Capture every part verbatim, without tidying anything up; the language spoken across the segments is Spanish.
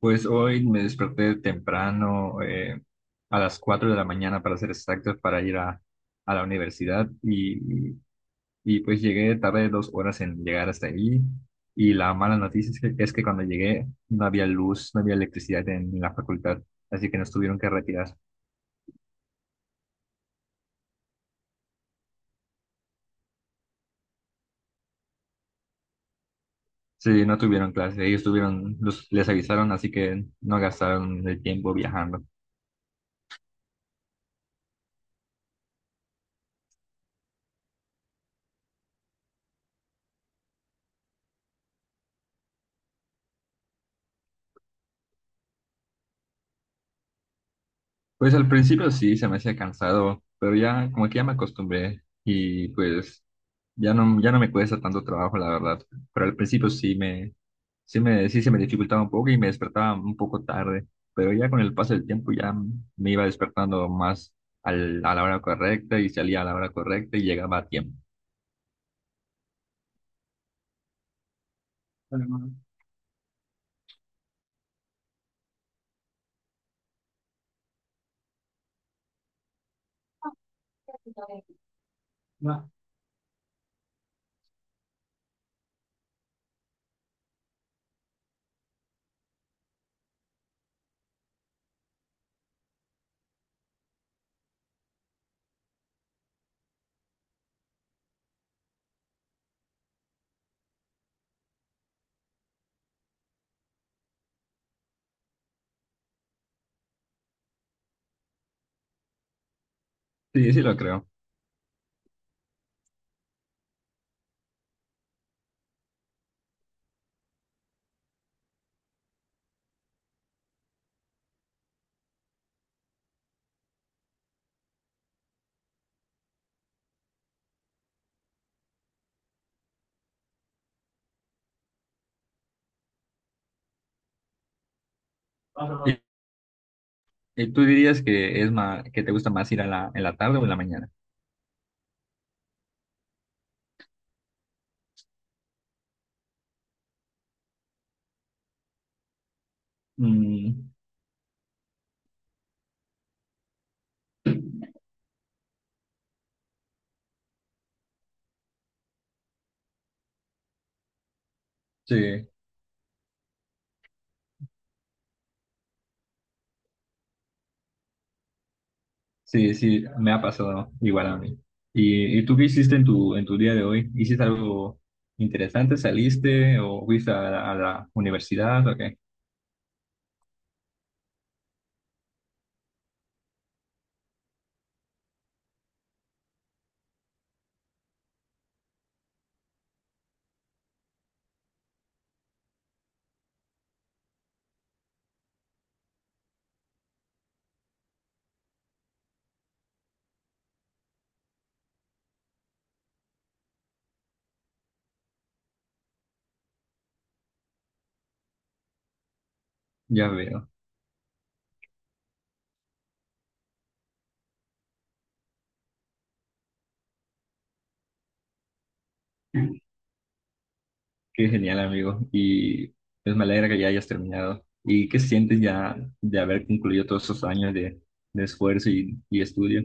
Pues hoy me desperté temprano, eh, a las cuatro de la mañana para ser exactos, para ir a, a la universidad y, y pues llegué tarde dos horas en llegar hasta ahí y la mala noticia es que, es que cuando llegué no había luz, no había electricidad en la facultad, así que nos tuvieron que retirar. Sí, no tuvieron clase, ellos tuvieron, los- les avisaron, así que no gastaron el tiempo viajando. Pues al principio sí se me hacía cansado, pero ya como que ya me acostumbré y pues ya no, ya no me cuesta tanto trabajo, la verdad. Pero al principio sí me, sí me, sí se me dificultaba un poco y me despertaba un poco tarde, pero ya con el paso del tiempo ya me iba despertando más al- a la hora correcta y salía a la hora correcta y llegaba a tiempo. Sí, sí lo creo. ¿Y, y tú dirías que es más, que te gusta más ir a la, en la tarde o en la mañana? Mm, sí. Sí, sí, me ha pasado igual a mí. ¿Y, y tú qué hiciste en tu, en tu día de hoy? ¿Hiciste algo interesante? ¿Saliste o fuiste a la, a la universidad? ¿O qué? Ya veo. Qué genial, amigo. Y pues me alegra que ya hayas terminado. ¿Y qué sientes ya de haber concluido todos esos años de, de esfuerzo y, y estudio?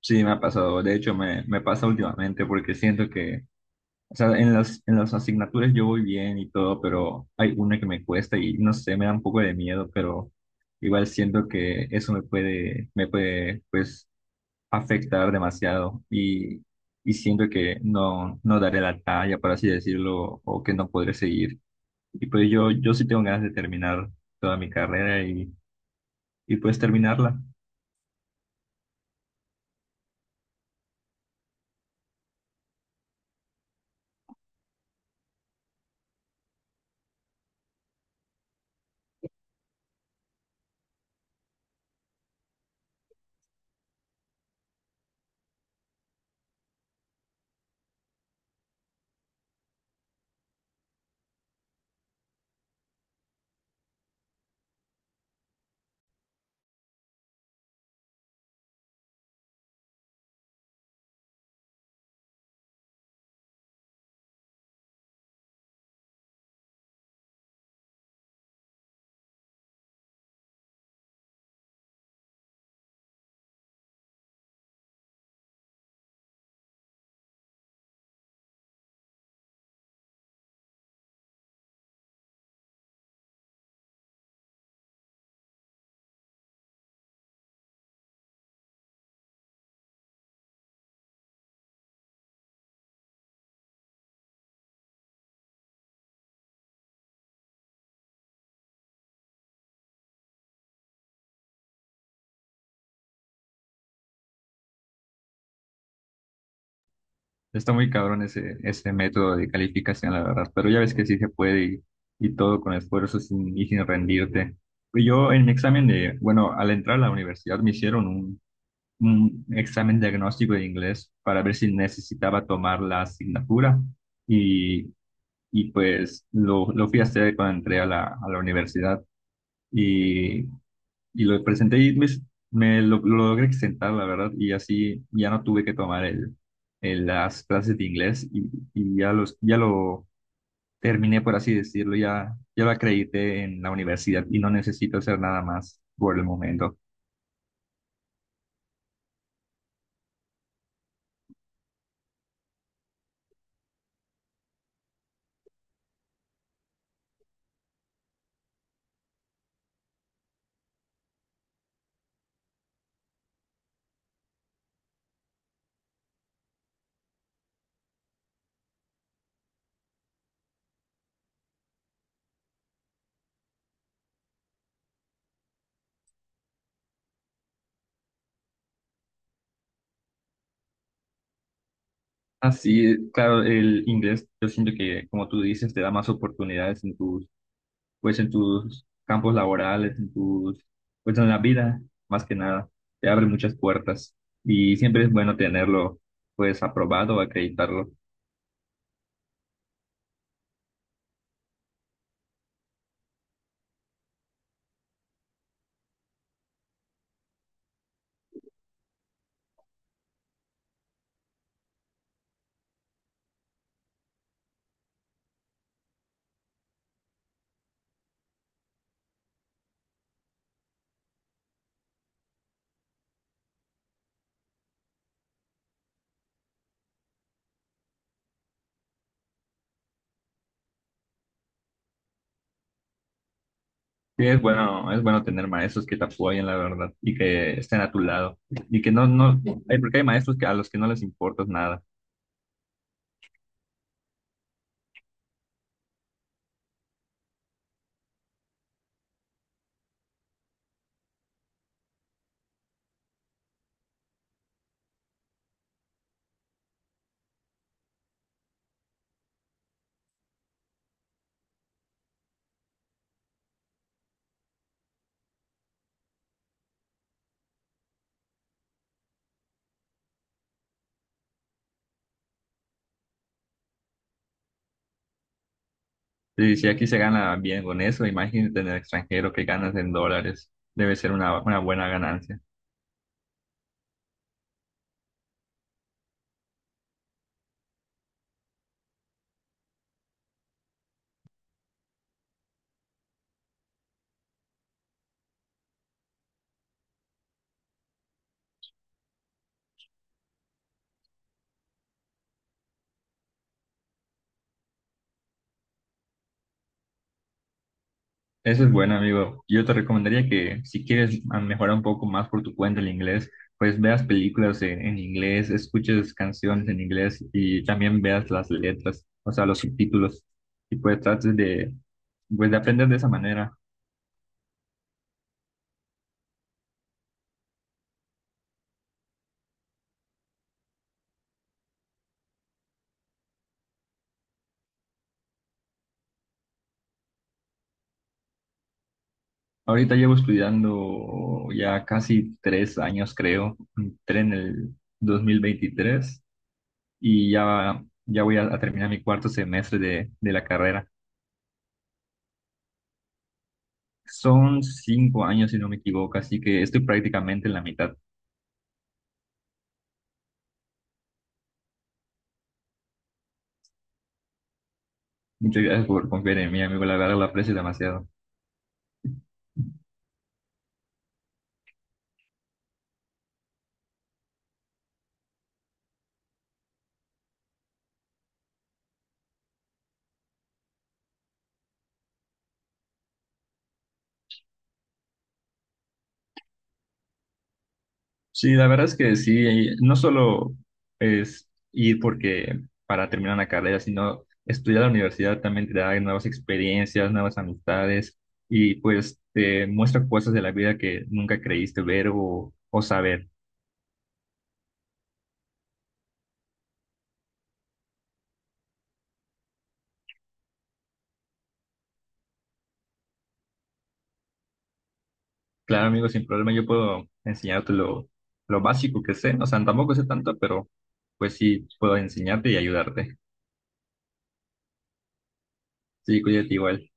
Sí, me ha pasado. De hecho, me, me pasa últimamente porque siento que. O sea, en las, en las asignaturas yo voy bien y todo, pero hay una que me cuesta y no sé, me da un poco de miedo, pero igual siento que eso me puede, me puede, pues, afectar demasiado y, y siento que no, no daré la talla, por así decirlo, o que no podré seguir. Y pues yo, yo sí tengo ganas de terminar toda mi carrera y, y pues terminarla. Está muy cabrón ese, ese método de calificación, la verdad, pero ya ves que sí se puede y, y todo con esfuerzo sin, y sin rendirte. Yo en mi examen de, bueno, al entrar a la universidad me hicieron un, un examen diagnóstico de inglés para ver si necesitaba tomar la asignatura y, y pues lo, lo fui a hacer cuando entré a la, a la universidad y y lo presenté y me, me lo, lo logré exentar, la verdad, y así ya no tuve que tomar el, el- las clases de inglés y, y ya, los, ya lo terminé, por así decirlo, ya, ya lo acredité en la universidad y no necesito hacer nada más por el momento. Así, claro, el inglés, yo siento que, como tú dices, te da más oportunidades en tu pues en tus campos laborales, en tus, pues en la vida, más que nada, te abre muchas puertas y siempre es bueno tenerlo, pues aprobado o acreditarlo. Sí, es bueno, es bueno tener maestros que te apoyen, la verdad, y que estén a tu lado. Y que no, no, hay, porque hay maestros que a los que no les importa nada. Y si aquí se gana bien con eso, imagínate en el extranjero que ganas en dólares, debe ser una, una buena ganancia. Eso es bueno, amigo. Yo te recomendaría que si quieres ah, mejorar un poco más por tu cuenta el inglés, pues veas películas en, en inglés, escuches canciones en inglés y también veas las letras, o sea, los subtítulos. Y pues trates de, pues, de aprender de esa manera. Ahorita llevo estudiando ya casi tres años, creo. Entré en el dos mil veintitrés y ya, ya voy a, a terminar mi cuarto semestre de, de la carrera. Son cinco años, si no me equivoco, así que estoy prácticamente en la mitad. Muchas gracias por confiar en mí, amigo. La verdad lo aprecio demasiado. Sí, la verdad es que sí, eh, no solo es ir porque para terminar una carrera, sino estudiar en la universidad también te da nuevas experiencias, nuevas amistades y pues te muestra cosas de la vida que nunca creíste ver o, o saber. Claro, amigo, sin problema, yo puedo enseñarte lo, lo básico que sé. O sea, tampoco sé tanto, pero pues sí puedo enseñarte y ayudarte. Sí, cuídate igual.